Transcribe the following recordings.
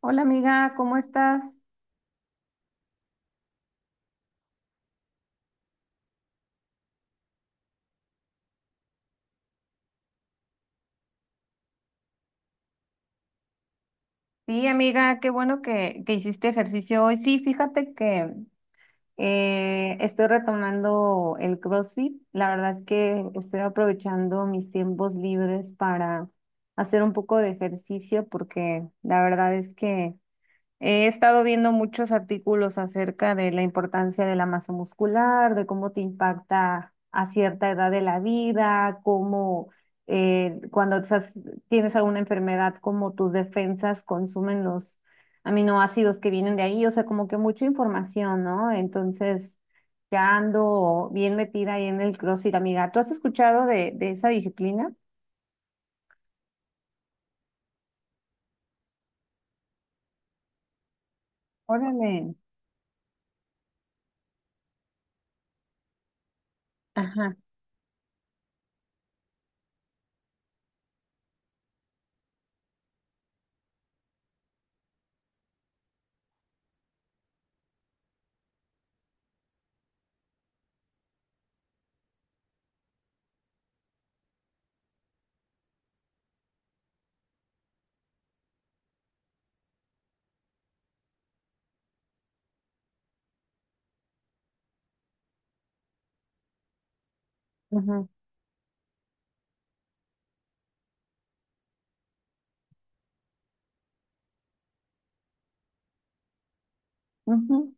Hola amiga, ¿cómo estás? Sí, amiga, qué bueno que hiciste ejercicio hoy. Sí, fíjate que estoy retomando el CrossFit. La verdad es que estoy aprovechando mis tiempos libres para hacer un poco de ejercicio, porque la verdad es que he estado viendo muchos artículos acerca de la importancia de la masa muscular, de cómo te impacta a cierta edad de la vida, cómo eh, cuando estás- tienes alguna enfermedad, cómo tus defensas consumen los aminoácidos que vienen de ahí. O sea, como que mucha información, ¿no? Entonces, ya ando bien metida ahí en el CrossFit, amiga. ¿Tú has escuchado de esa disciplina? Órale. Ajá. Ujú, ujú.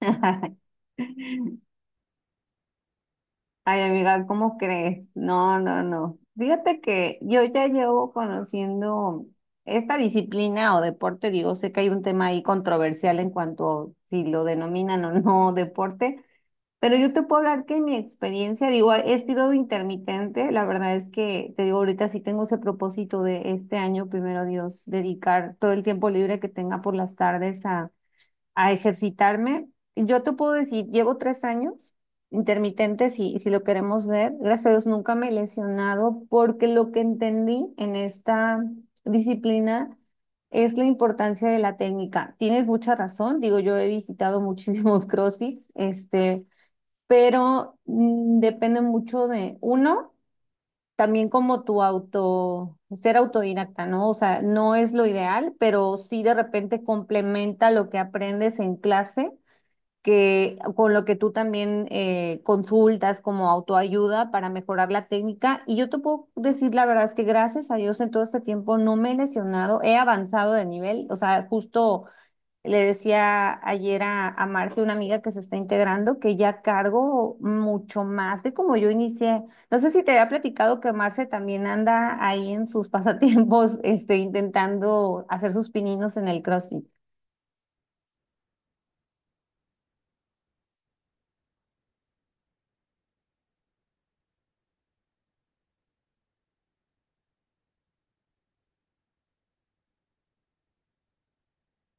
Ay, amiga, ¿cómo crees? No, no, no. Fíjate que yo ya llevo conociendo esta disciplina o deporte, digo, sé que hay un tema ahí controversial en cuanto si lo denominan o no deporte, pero yo te puedo hablar que mi experiencia, digo, he sido intermitente, la verdad es que te digo, ahorita sí tengo ese propósito de este año, primero Dios, dedicar todo el tiempo libre que tenga por las tardes a ejercitarme. Yo te puedo decir, llevo 3 años intermitentes, y si lo queremos ver, gracias a Dios nunca me he lesionado, porque lo que entendí en esta disciplina es la importancia de la técnica. Tienes mucha razón, digo, yo he visitado muchísimos CrossFits, este, pero depende mucho de uno, también como tu auto, ser autodidacta, ¿no? O sea, no es lo ideal, pero sí de repente complementa lo que aprendes en clase que con lo que tú también consultas como autoayuda para mejorar la técnica. Y yo te puedo decir, la verdad es que gracias a Dios en todo este tiempo no me he lesionado, he avanzado de nivel. O sea, justo le decía ayer a Marce, una amiga que se está integrando, que ya cargo mucho más de como yo inicié. No sé si te había platicado que Marce también anda ahí en sus pasatiempos, este, intentando hacer sus pininos en el CrossFit.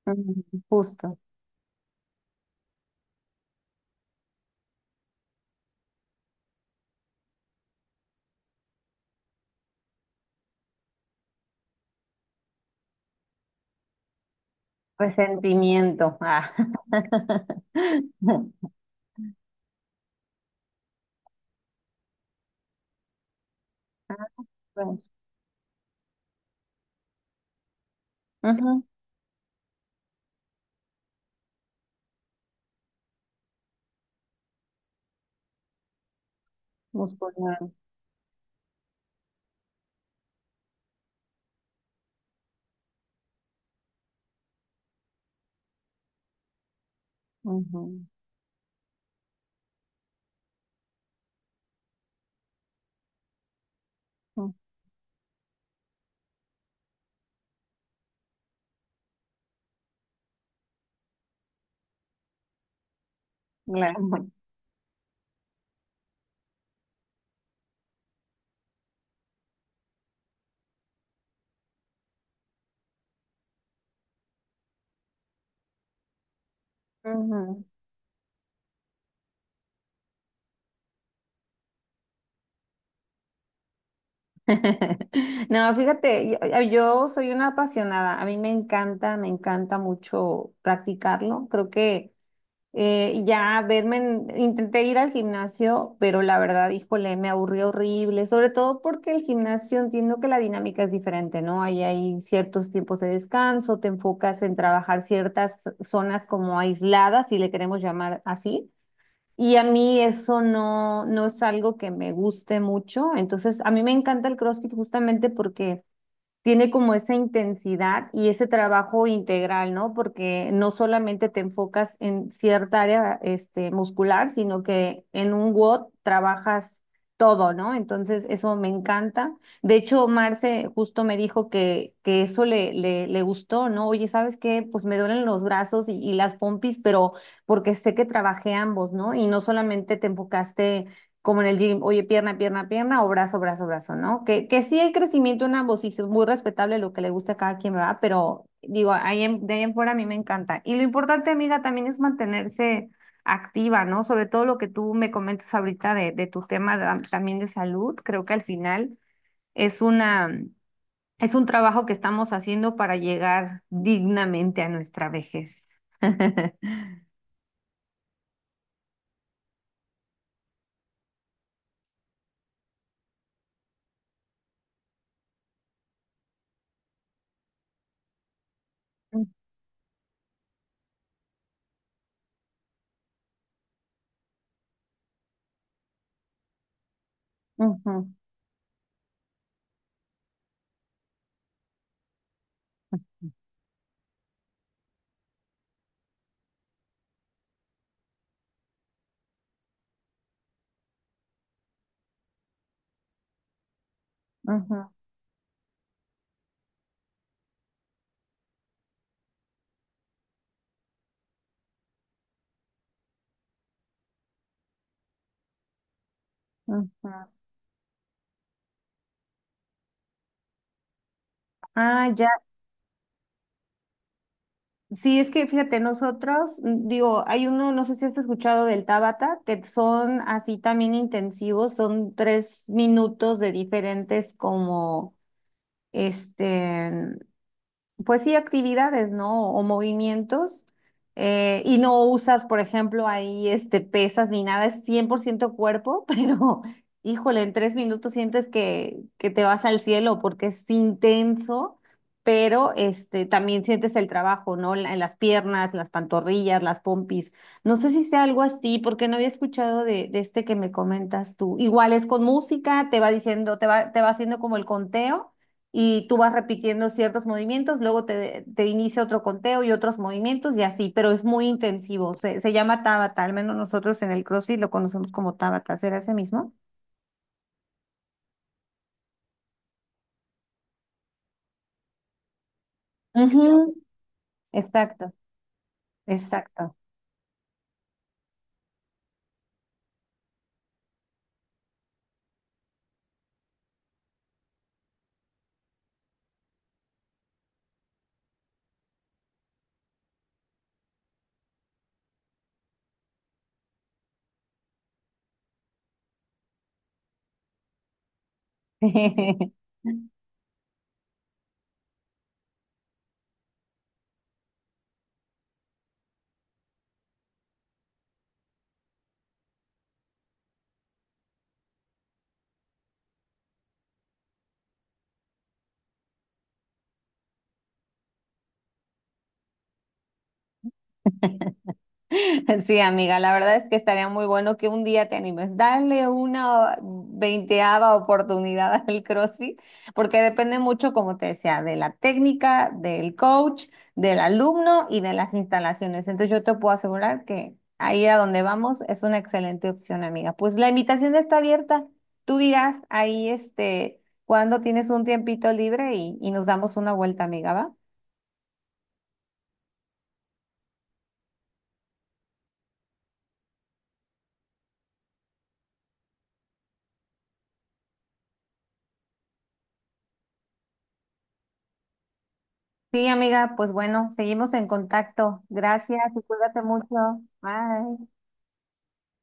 Ujú. Justo. Resentimiento. Ah. Pues. Ujú. Muscular. Ujú, ujú. Claro. Ujú. No, fíjate, yo soy una apasionada. A mí me encanta mucho practicarlo. Creo que intenté ir al gimnasio, pero la verdad, híjole, me aburrió horrible, sobre todo porque el gimnasio, entiendo que la dinámica es diferente, ¿no? Ahí hay ciertos tiempos de descanso, te enfocas en trabajar ciertas zonas como aisladas, si le queremos llamar así, y a mí eso no es algo que me guste mucho. Entonces a mí me encanta el CrossFit justamente porque tiene como esa intensidad y ese trabajo integral, ¿no? Porque no solamente te enfocas en cierta área, este, muscular, sino que en un WOD trabajas todo, ¿no? Entonces, eso me encanta. De hecho, Marce justo me dijo que eso le gustó, ¿no? Oye, ¿sabes qué? Pues me duelen los brazos y las pompis, pero porque sé que trabajé ambos, ¿no? Y no solamente te enfocaste como en el gym, oye, pierna, pierna, pierna o brazo, brazo, brazo, ¿no? Que sí hay crecimiento en ambos, y es muy respetable lo que le gusta a cada quien, ¿verdad? Pero digo, de ahí en fuera, a mí me encanta. Y lo importante, amiga, también es mantenerse activa, ¿no? Sobre todo lo que tú me comentas ahorita de tu tema también de salud, creo que al final es una, es un trabajo que estamos haciendo para llegar dignamente a nuestra vejez. Ujú, ujú, ujú. Ah, ya. Sí, es que fíjate, nosotros, digo, hay uno, no sé si has escuchado del Tabata, que son así también intensivos, son 3 minutos de diferentes, como, este, pues sí, actividades, ¿no? O movimientos. Y no usas, por ejemplo, ahí, este, pesas ni nada, es 100% cuerpo, pero híjole, en 3 minutos sientes que te vas al cielo porque es intenso, pero, este, también sientes el trabajo, ¿no? En las piernas, las pantorrillas, las pompis. No sé si sea algo así, porque no había escuchado de este que me comentas tú. Igual es con música, te va diciendo, te va haciendo como el conteo, y tú vas repitiendo ciertos movimientos, luego te inicia otro conteo y otros movimientos, y así, pero es muy intensivo. Se llama Tabata, al menos nosotros en el CrossFit lo conocemos como Tabata, ¿será ese mismo? Ujú. Exacto, exacto. Sí, amiga, la verdad es que estaría muy bueno que un día te animes. Dale una veinteava oportunidad al CrossFit, porque depende mucho, como te decía, de la técnica, del coach, del alumno y de las instalaciones. Entonces, yo te puedo asegurar que ahí a donde vamos es una excelente opción, amiga. Pues la invitación está abierta. Tú dirás ahí, este, cuando tienes un tiempito libre y nos damos una vuelta, amiga, ¿va? Sí, amiga, pues bueno, seguimos en contacto. Gracias y cuídate mucho. Bye.